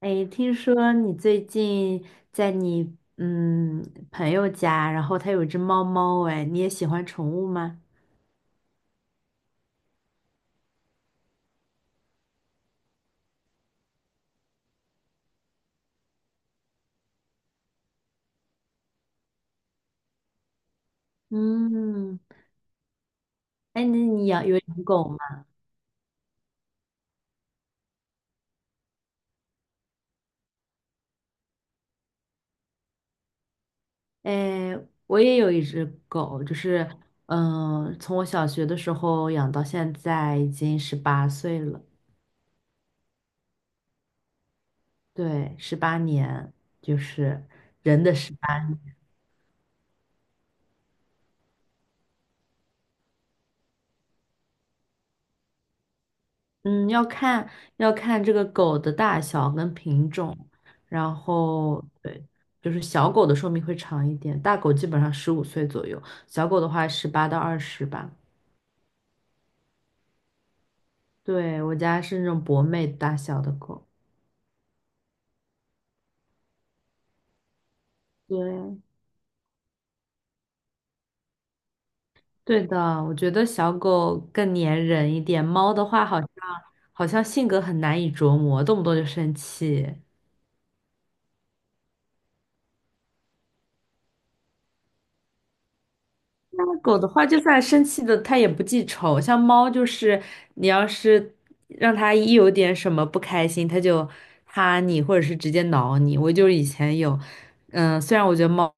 哎，听说你最近在你朋友家，然后他有一只猫猫，哎，你也喜欢宠物吗？嗯，哎，那你有养狗吗？哎，我也有一只狗，就是从我小学的时候养到现在，已经18岁了，对，18年，就是人的十八。嗯，要看这个狗的大小跟品种，然后对，就是小狗的寿命会长一点，大狗基本上15岁左右，小狗的话18到20吧。对，我家是那种博美大小的狗。对，对的，我觉得小狗更粘人一点，猫的话好像性格很难以琢磨，动不动就生气。那狗的话，就算生气的，它也不记仇。像猫，就是你要是让它一有点什么不开心，它就哈你，或者是直接挠你。我就以前有，虽然我觉得猫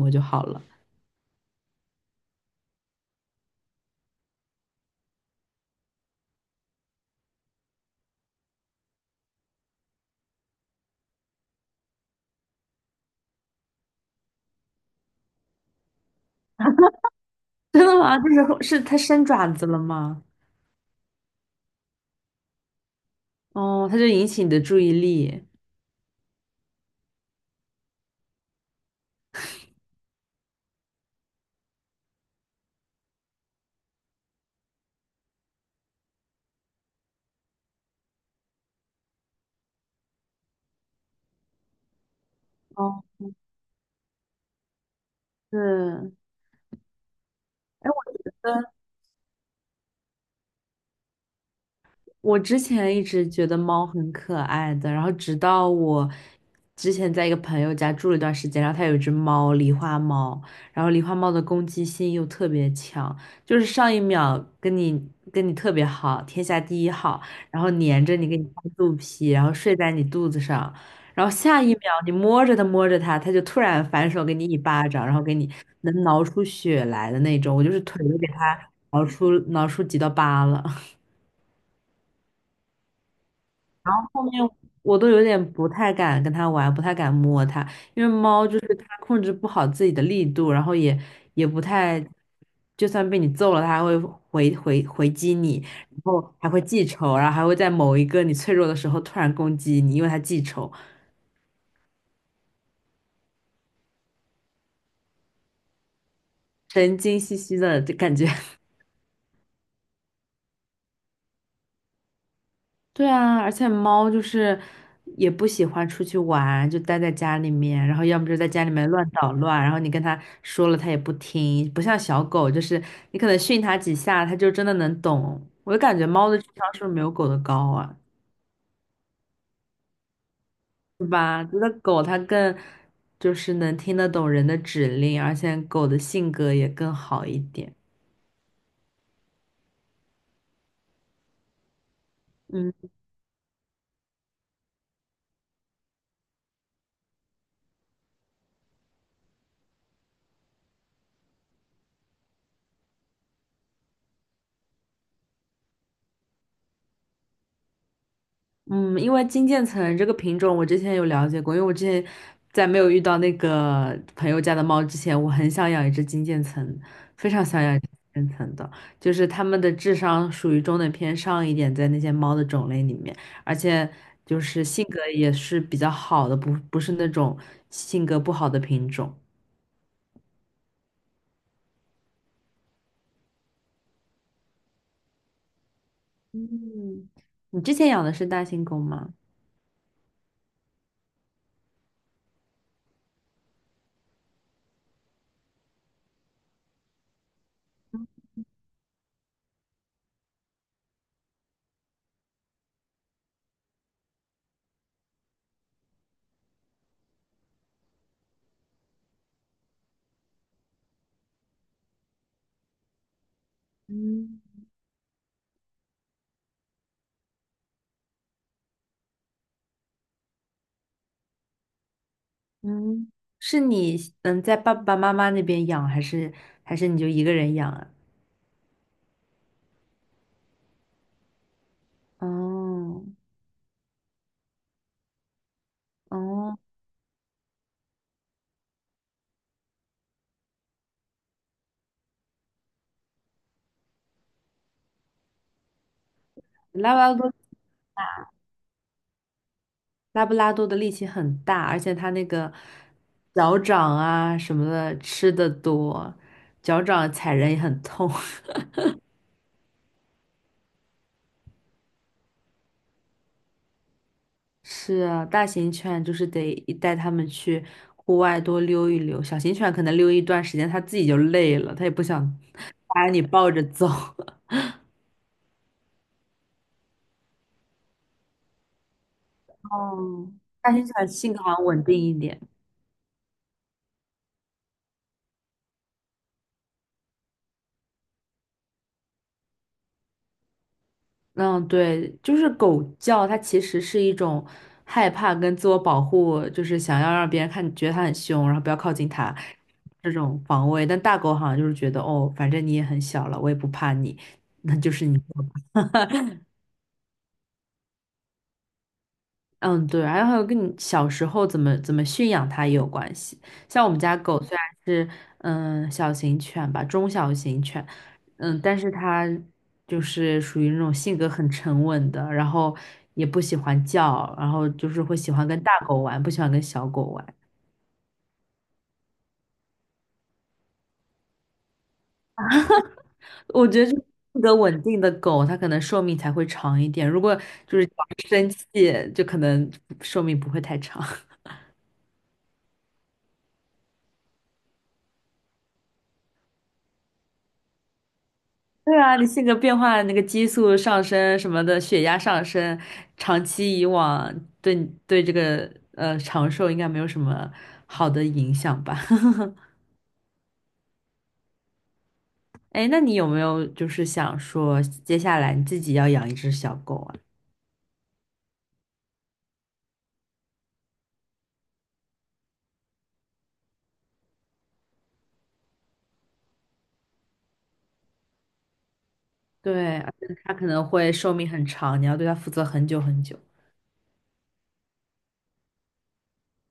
我就好了。真的吗？就是是它伸爪子了吗？哦，它就引起你的注意力。哦，是。哎，我觉得。我之前一直觉得猫很可爱的，然后直到我之前在一个朋友家住了一段时间，然后他有一只狸花猫，然后狸花猫的攻击性又特别强，就是上一秒跟你特别好，天下第一好，然后粘着你，给你拍肚皮，然后睡在你肚子上，然后下一秒你摸着它摸着它，它就突然反手给你一巴掌，然后给你能挠出血来的那种，我就是腿都给它挠出几道疤了。后面我都有点不太敢跟它玩，不太敢摸它，因为猫就是它控制不好自己的力度，然后也不太，就算被你揍了，它还会回击你，然后还会记仇，然后还会在某一个你脆弱的时候突然攻击你，因为它记仇，神经兮兮的就感觉。对啊，而且猫就是也不喜欢出去玩，就待在家里面，然后要么就在家里面乱捣乱，然后你跟它说了它也不听，不像小狗，就是你可能训它几下，它就真的能懂。我就感觉猫的智商是不是没有狗的高啊？是吧？觉得狗它更就是能听得懂人的指令，而且狗的性格也更好一点。嗯。嗯，因为金渐层这个品种我之前有了解过，因为我之前在没有遇到那个朋友家的猫之前，我很想养一只金渐层，非常想养一只金渐层的，就是它们的智商属于中等偏上一点，在那些猫的种类里面，而且就是性格也是比较好的，不是那种性格不好的品种。嗯，你之前养的是大型狗吗？嗯嗯，是你在爸爸妈妈那边养，还是你就一个人养啊？哦哦，拉布拉多拉布拉多的力气很大，而且它那个脚掌啊什么的吃的多，脚掌踩人也很痛。是啊，大型犬就是得带它们去户外多溜一溜，小型犬可能溜一段时间它自己就累了，它也不想 把你抱着走。哦，大型犬性格好像稳定一点。嗯，对，就是狗叫，它其实是一种害怕跟自我保护，就是想要让别人看觉得它很凶，然后不要靠近它这种防卫。但大狗好像就是觉得，哦，反正你也很小了，我也不怕你，那就是你。嗯，对，然后还有跟你小时候怎么驯养它也有关系。像我们家狗虽然是小型犬吧，中小型犬，但是它就是属于那种性格很沉稳的，然后也不喜欢叫，然后就是会喜欢跟大狗玩，不喜欢跟小狗玩。我觉得就是性格稳定的狗，它可能寿命才会长一点。如果就是常生气，就可能寿命不会太长。对啊，你性格变化，那个激素上升什么的，血压上升，长期以往对你对这个长寿应该没有什么好的影响吧？哎那你有没有就是想说，接下来你自己要养一只小狗啊？对，而且它可能会寿命很长，你要对它负责很久很久。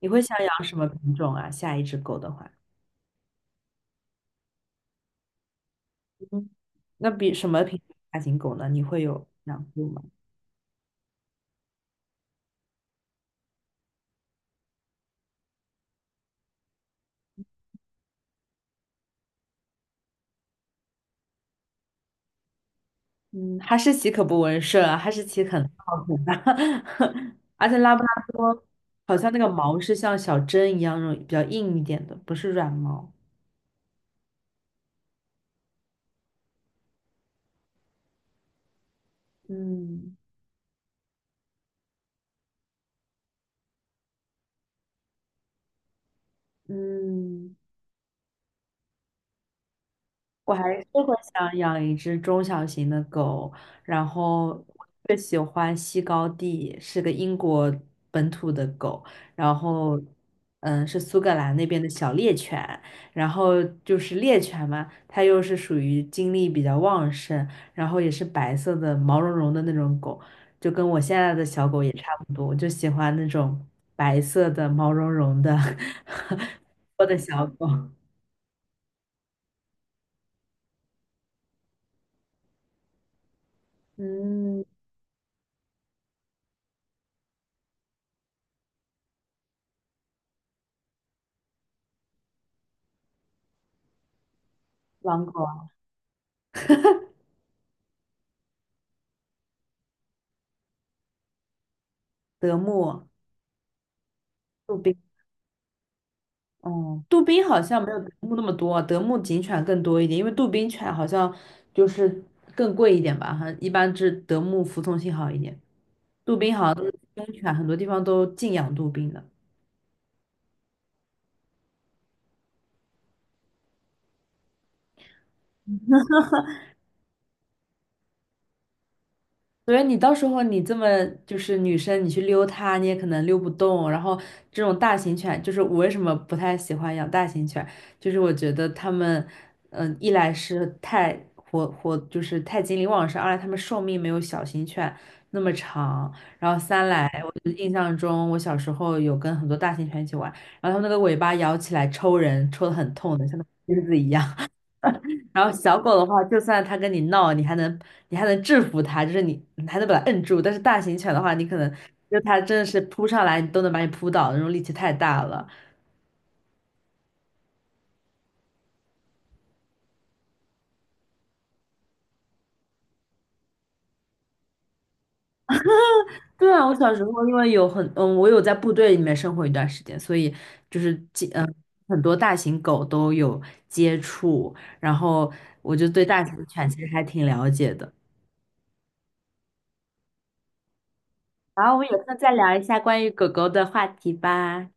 你会想养什么品种啊？下一只狗的话，嗯，那比什么品种大型狗呢？你会有养过吗？嗯，哈士奇可不温顺，啊。哈士奇很靠谱的，而且拉布拉多好像那个毛是像小针一样那种比较硬一点的，不是软毛。嗯嗯。我还是会想养一只中小型的狗，然后我最喜欢西高地，是个英国本土的狗，然后是苏格兰那边的小猎犬，然后就是猎犬嘛，它又是属于精力比较旺盛，然后也是白色的毛茸茸的那种狗，就跟我现在的小狗也差不多，我就喜欢那种白色的毛茸茸的 我的小狗，嗯，狼狗。德牧、杜宾，哦，杜宾好像没有德牧那么多啊，德牧警犬更多一点，因为杜宾犬好像就是更贵一点吧，哈，一般是德牧服从性好一点，杜宾好像都是公犬，很多地方都禁养杜宾的。所以你到时候你这么就是女生，你去溜它，你也可能溜不动。然后这种大型犬，就是我为什么不太喜欢养大型犬，就是我觉得它们，一来是太活活，就是太精力旺盛；二来它们寿命没有小型犬那么长。然后三来，我就印象中我小时候有跟很多大型犬一起玩，然后它们那个尾巴摇起来抽人，抽的很痛的，像那个钉子一样。然后小狗的话，就算它跟你闹，你还能制服它，就是你还能把它摁住。但是大型犬的话，你可能就它真的是扑上来，你都能把你扑倒，那种力气太大了。对啊，我小时候因为有很嗯，我有在部队里面生活一段时间，所以就是很多大型狗都有接触，然后我就对大型犬其实还挺了解的。然后我们有空再聊一下关于狗狗的话题吧。